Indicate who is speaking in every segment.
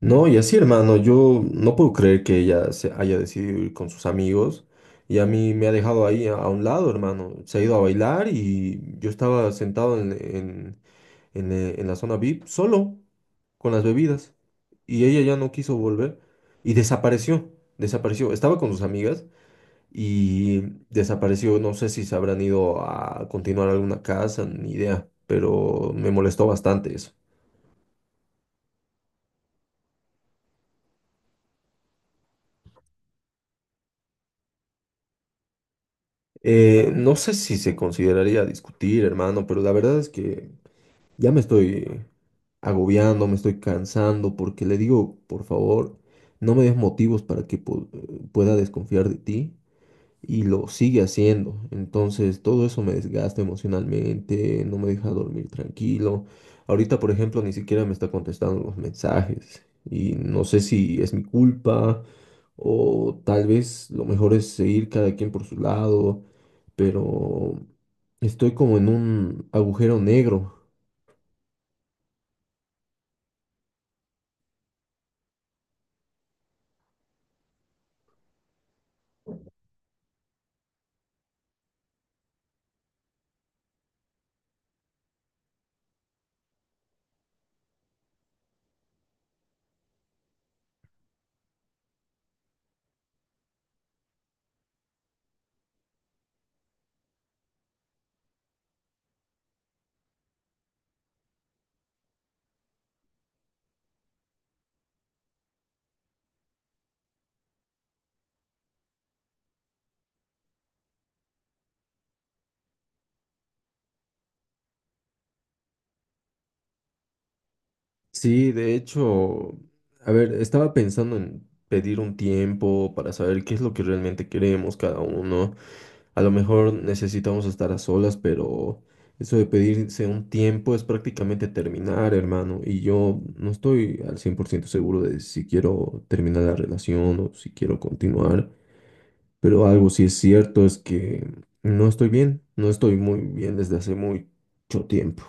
Speaker 1: No, y así, hermano, yo no puedo creer que ella se haya decidido ir con sus amigos y a mí me ha dejado ahí a un lado, hermano. Se ha ido a bailar y yo estaba sentado en la zona VIP solo con las bebidas y ella ya no quiso volver y desapareció, desapareció. Estaba con sus amigas y desapareció. No sé si se habrán ido a continuar alguna casa, ni idea, pero me molestó bastante eso. No sé si se consideraría discutir, hermano, pero la verdad es que ya me estoy agobiando, me estoy cansando, porque le digo, por favor, no me des motivos para pueda desconfiar de ti y lo sigue haciendo. Entonces, todo eso me desgasta emocionalmente, no me deja dormir tranquilo. Ahorita, por ejemplo, ni siquiera me está contestando los mensajes y no sé si es mi culpa o tal vez lo mejor es seguir cada quien por su lado, pero estoy como en un agujero negro. Sí, de hecho, a ver, estaba pensando en pedir un tiempo para saber qué es lo que realmente queremos cada uno. A lo mejor necesitamos estar a solas, pero eso de pedirse un tiempo es prácticamente terminar, hermano. Y yo no estoy al 100% seguro de si quiero terminar la relación o si quiero continuar. Pero algo sí es cierto es que no estoy bien, no estoy muy bien desde hace mucho tiempo.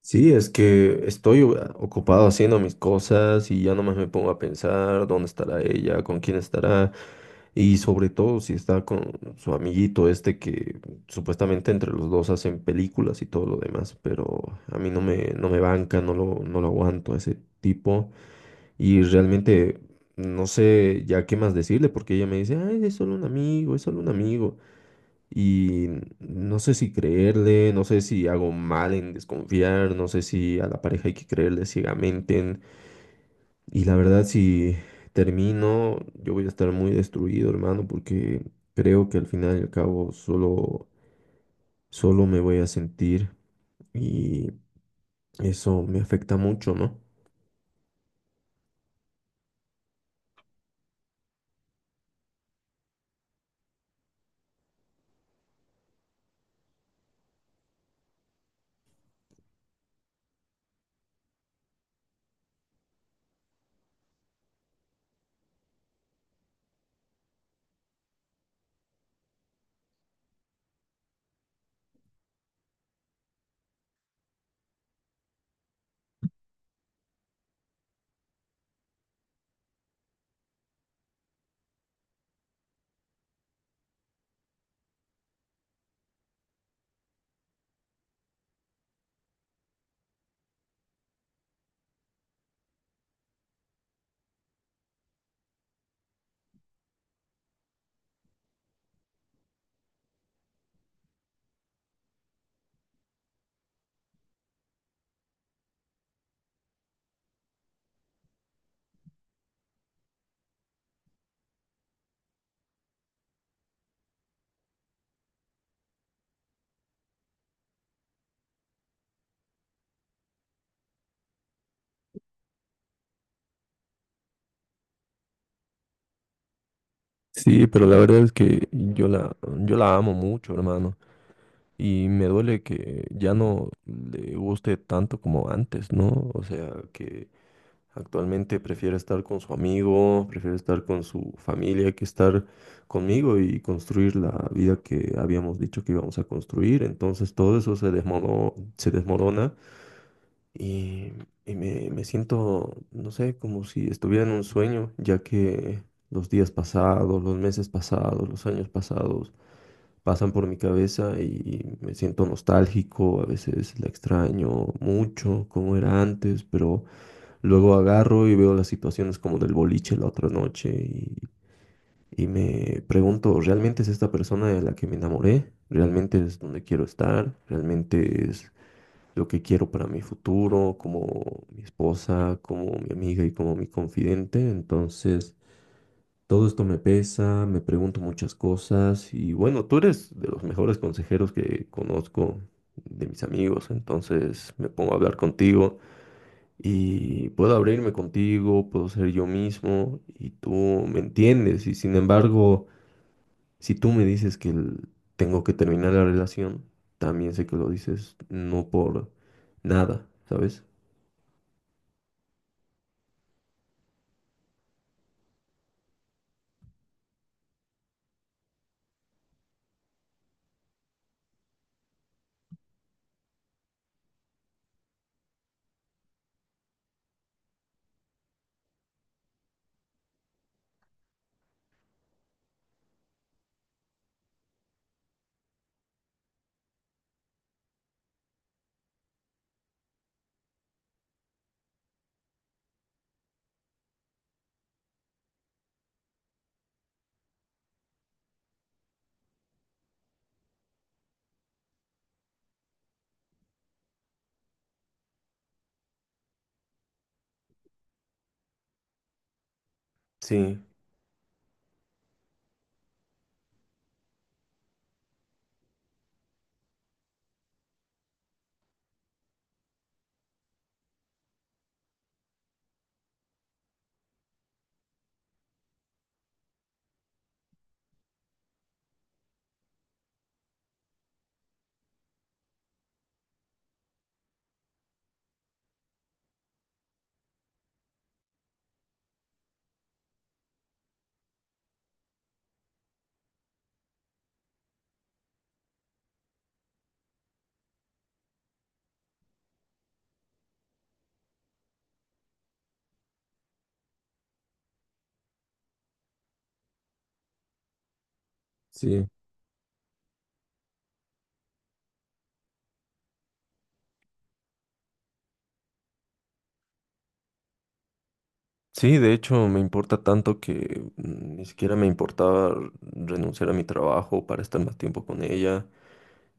Speaker 1: Sí, es que ocupado haciendo mis cosas y ya nomás me pongo a pensar dónde estará ella, con quién estará y sobre todo si está con su amiguito este que supuestamente entre los dos hacen películas y todo lo demás, pero a mí no me banca, no lo aguanto a ese tipo y realmente no sé ya qué más decirle porque ella me dice, ay, es solo un amigo, es solo un amigo. Y no sé si creerle, no sé si hago mal en desconfiar, no sé si a la pareja hay que creerle ciegamente. Y la verdad, si termino, yo voy a estar muy destruido, hermano, porque creo que al final y al cabo solo me voy a sentir y eso me afecta mucho, ¿no? Sí, pero la verdad es que yo la amo mucho, hermano. Y me duele que ya no le guste tanto como antes, ¿no? O sea, que actualmente prefiero estar con su amigo, prefiero estar con su familia que estar conmigo y construir la vida que habíamos dicho que íbamos a construir. Entonces todo eso se desmorona y, y me siento, no sé, como si estuviera en un sueño, ya que los días pasados, los meses pasados, los años pasados pasan por mi cabeza y me siento nostálgico, a veces la extraño mucho, como era antes, pero luego agarro y veo las situaciones como del boliche la otra noche y me pregunto, ¿realmente es esta persona de la que me enamoré? ¿Realmente es donde quiero estar? ¿Realmente es lo que quiero para mi futuro, como mi esposa, como mi amiga y como mi confidente? Entonces, todo esto me pesa, me pregunto muchas cosas y bueno, tú eres de los mejores consejeros que conozco de mis amigos, entonces me pongo a hablar contigo y puedo abrirme contigo, puedo ser yo mismo y tú me entiendes y sin embargo, si tú me dices tengo que terminar la relación, también sé que lo dices no por nada, ¿sabes? Sí. Sí. Sí, de hecho me importa tanto que ni siquiera me importaba renunciar a mi trabajo para estar más tiempo con ella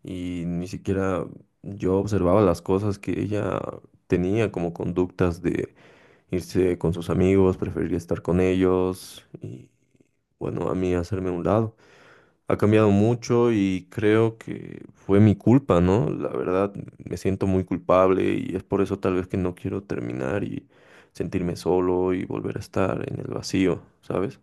Speaker 1: y ni siquiera yo observaba las cosas que ella tenía como conductas de irse con sus amigos, preferir estar con ellos y bueno, a mí hacerme a un lado ha cambiado mucho y creo que fue mi culpa, ¿no? La verdad, me siento muy culpable y es por eso tal vez que no quiero terminar y sentirme solo y volver a estar en el vacío, ¿sabes?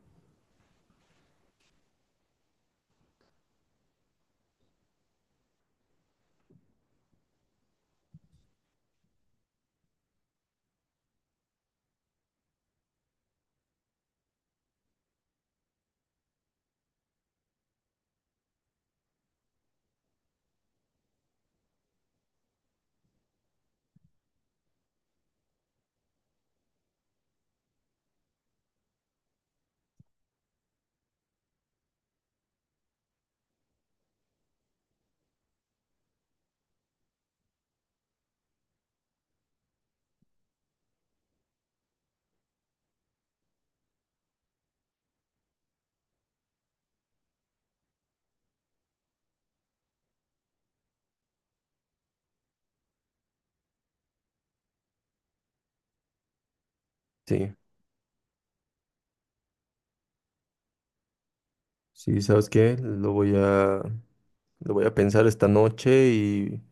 Speaker 1: Sí, sí, ¿sabes qué? Lo voy a pensar esta noche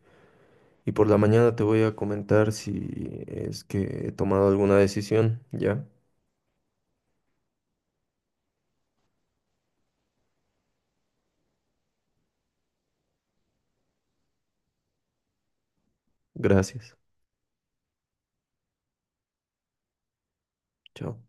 Speaker 1: y por la mañana te voy a comentar si es que he tomado alguna decisión, ¿ya? Gracias. Chao.